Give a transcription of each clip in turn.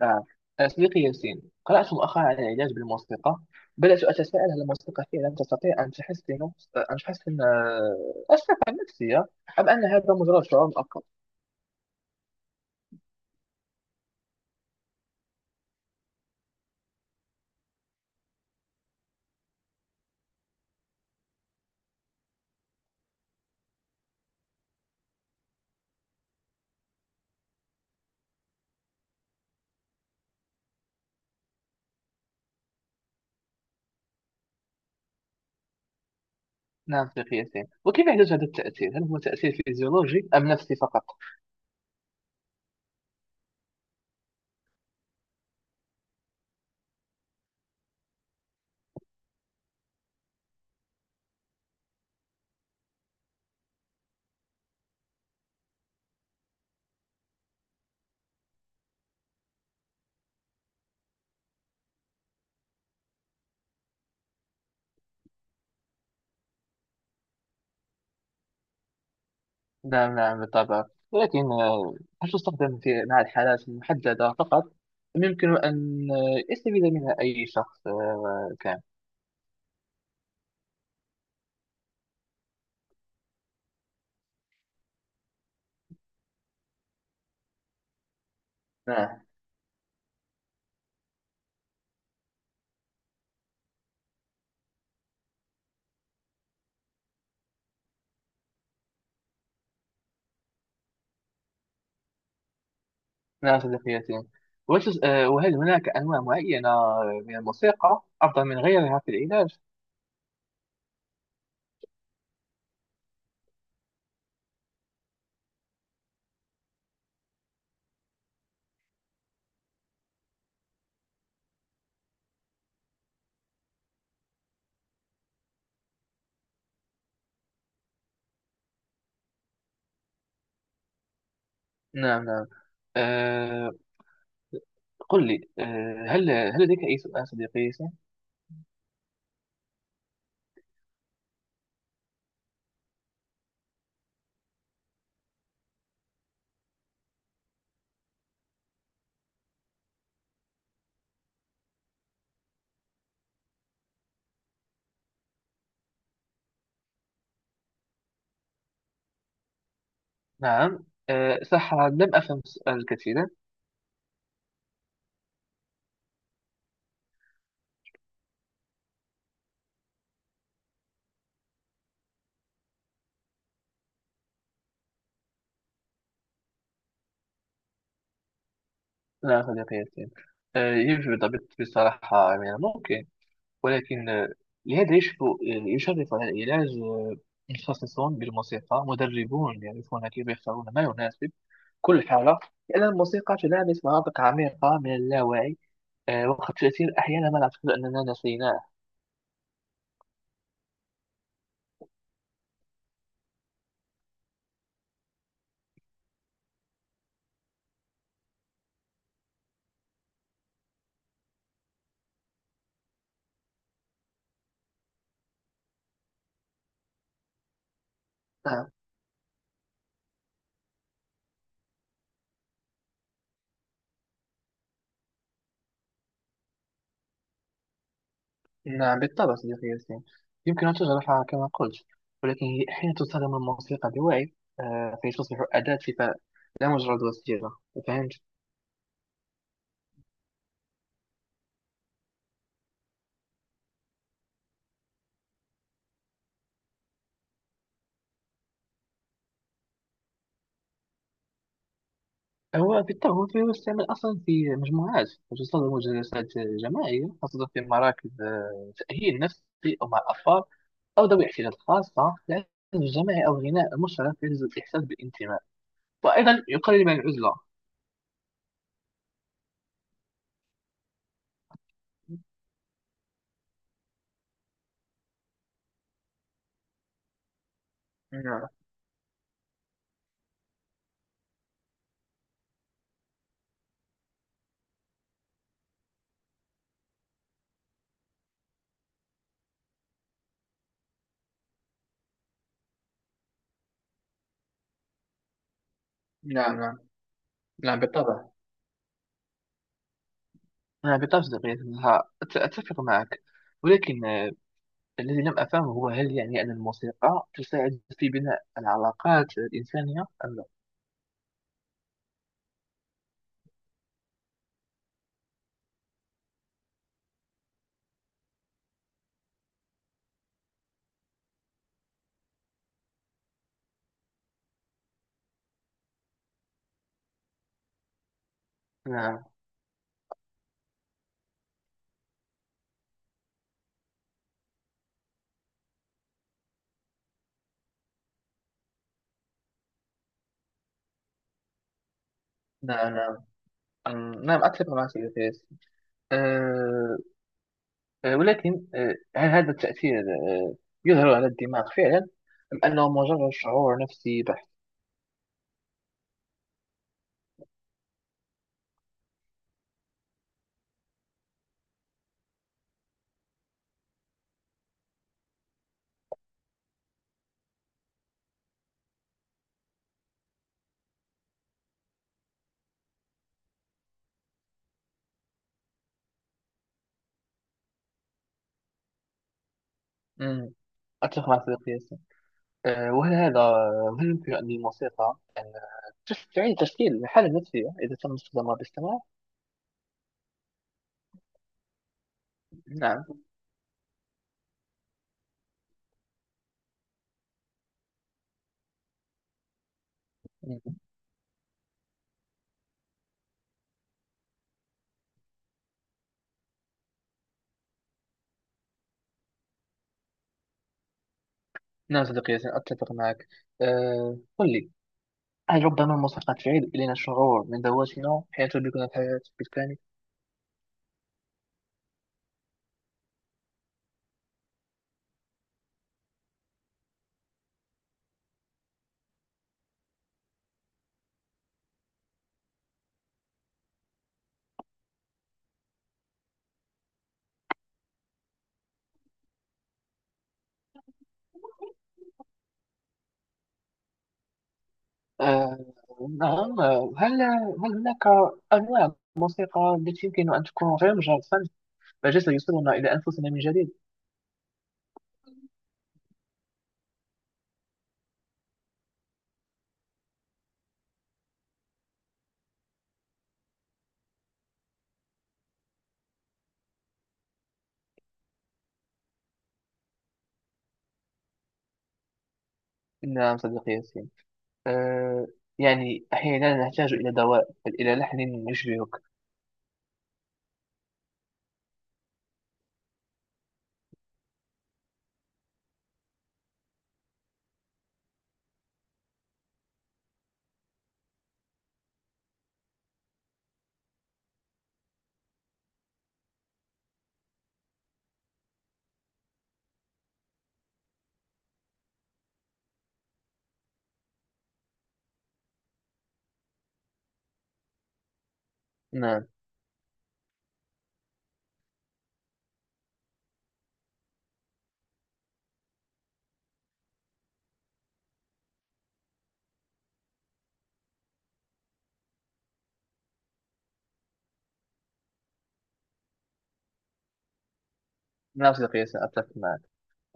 نعم، أنا صديقي ياسين. قرأت مؤخرا عن العلاج بالموسيقى. بدأت أتساءل: هل الموسيقى فعلا تستطيع أن تحسن الصحة النفسية، أم أن هذا مجرد شعور مؤقت؟ نعم صديقي ياسين، وكيف يحدث هذا التأثير؟ هل هو تأثير فيزيولوجي أم نفسي فقط؟ نعم نعم، بالطبع، ولكن هل تستخدم في مع الحالات المحددة فقط؟ أم يمكن أن يستفيد منها أي شخص كان؟ نعم نعم صديقيتي. وتس... آه، وهل هناك أنواع معينة من الموسيقى أفضل من غيرها في العلاج؟ نعم نعم. أه... قل لي، هل لديك أي سؤال صديقيتي؟ نعم. صح، لم أفهم السؤال كثيرا. نعم صديقيتي. يجب الضبط بصراحة، من الممكن، ولكن لهذا يشرف على العلاج متخصصون بالموسيقى مدربون يعرفون كيف يختارون ما يناسب كل حالة، لأن الموسيقى تلامس مناطق عميقة من اللاوعي، وقد تأثير أحيانا ما نعتقد أننا نسيناه. نعم نعم، بالطبع صديقي ياسين. يمكن أن تجرحها كما قلت، ولكن هي أحيانا تستخدم الموسيقى بوعي، فتصبح أداة شفاء، لا مجرد وسيلة. فهمت؟ هو بالطبع، فهو يستعمل أصلا في مجموعات، وتستخدم جلسات جماعية خاصة في مراكز تأهيل نفسي، أو مع الأطفال، أو ذوي احتياجات خاصة، لأن الجماعي أو الغناء المشترك يجلب الإحساس بالانتماء، وأيضا يقلل من العزلة. نعم نعم نعم نعم، بالطبع. أنا بالطبع صديقي أنها أتفق معك، ولكن الذي لم أفهمه هو: هل يعني أن الموسيقى تساعد في بناء العلاقات الإنسانية أم لا؟ نعم نعم نعم نعم، أتفق معك يا فارس. أه آه، ولكن هل هذا التأثير يظهر على الدماغ فعلا، أم أنه مجرد شعور نفسي بحت؟ أمم. أتفق مع صديقي. آه، وهل هذا هل يمكن أن الموسيقى أن تعيد تشكيل الحالة النفسية إذا تم استخدامها باستمرار؟ نعم نعم صديقي ياسين، أتفق معك. قل لي، هل ربما الموسيقى تعيد إلينا الشعور من ذواتنا حين تدركنا الحياة بالكامل؟ أه نعم، هل هناك أنواع موسيقى التي يمكن أن تكون غير مجرد فن، بل سيوصلنا إلى أنفسنا من جديد؟ نعم صديقي ياسين. أه يعني أحيانا نحتاج إلى دواء بل إلى لحن يشبهك. نعم نعم صديقي، سأتفق معك.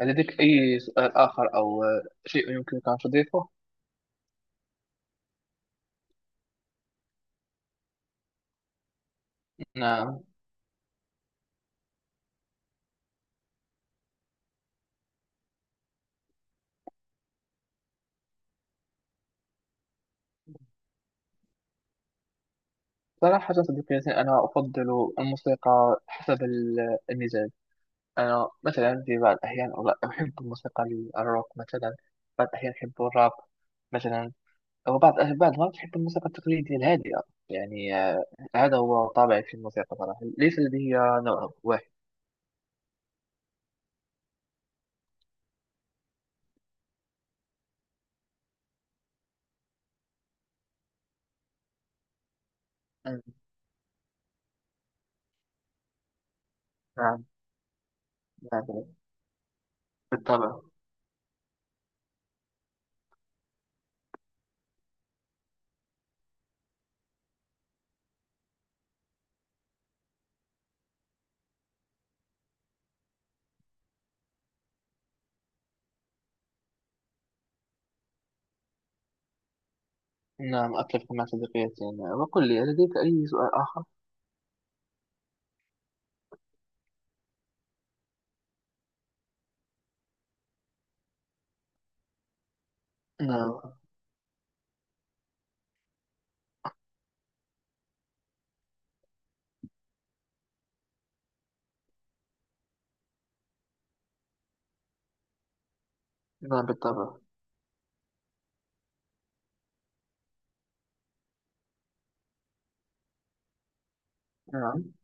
لديك أي سؤال آخر، أو شيء يمكنك أن تضيفه؟ نعم، صراحة صديقي، أنا أفضل الموسيقى حسب المزاج. أنا مثلا في بعض الأحيان أحب الموسيقى الروك مثلا. بعض الأحيان أحب الراب مثلا. وبعض المرات أحب الموسيقى التقليدية الهادئة. يعني هذا هو طابعي في الموسيقى صراحة. ليس لدي نوع واحد. نعم نعم نعم، بالطبع. نعم، أتفق مع صديقي. وقل لي، لديك أي سؤال آخر؟ نعم نعم بالطبع. نعم.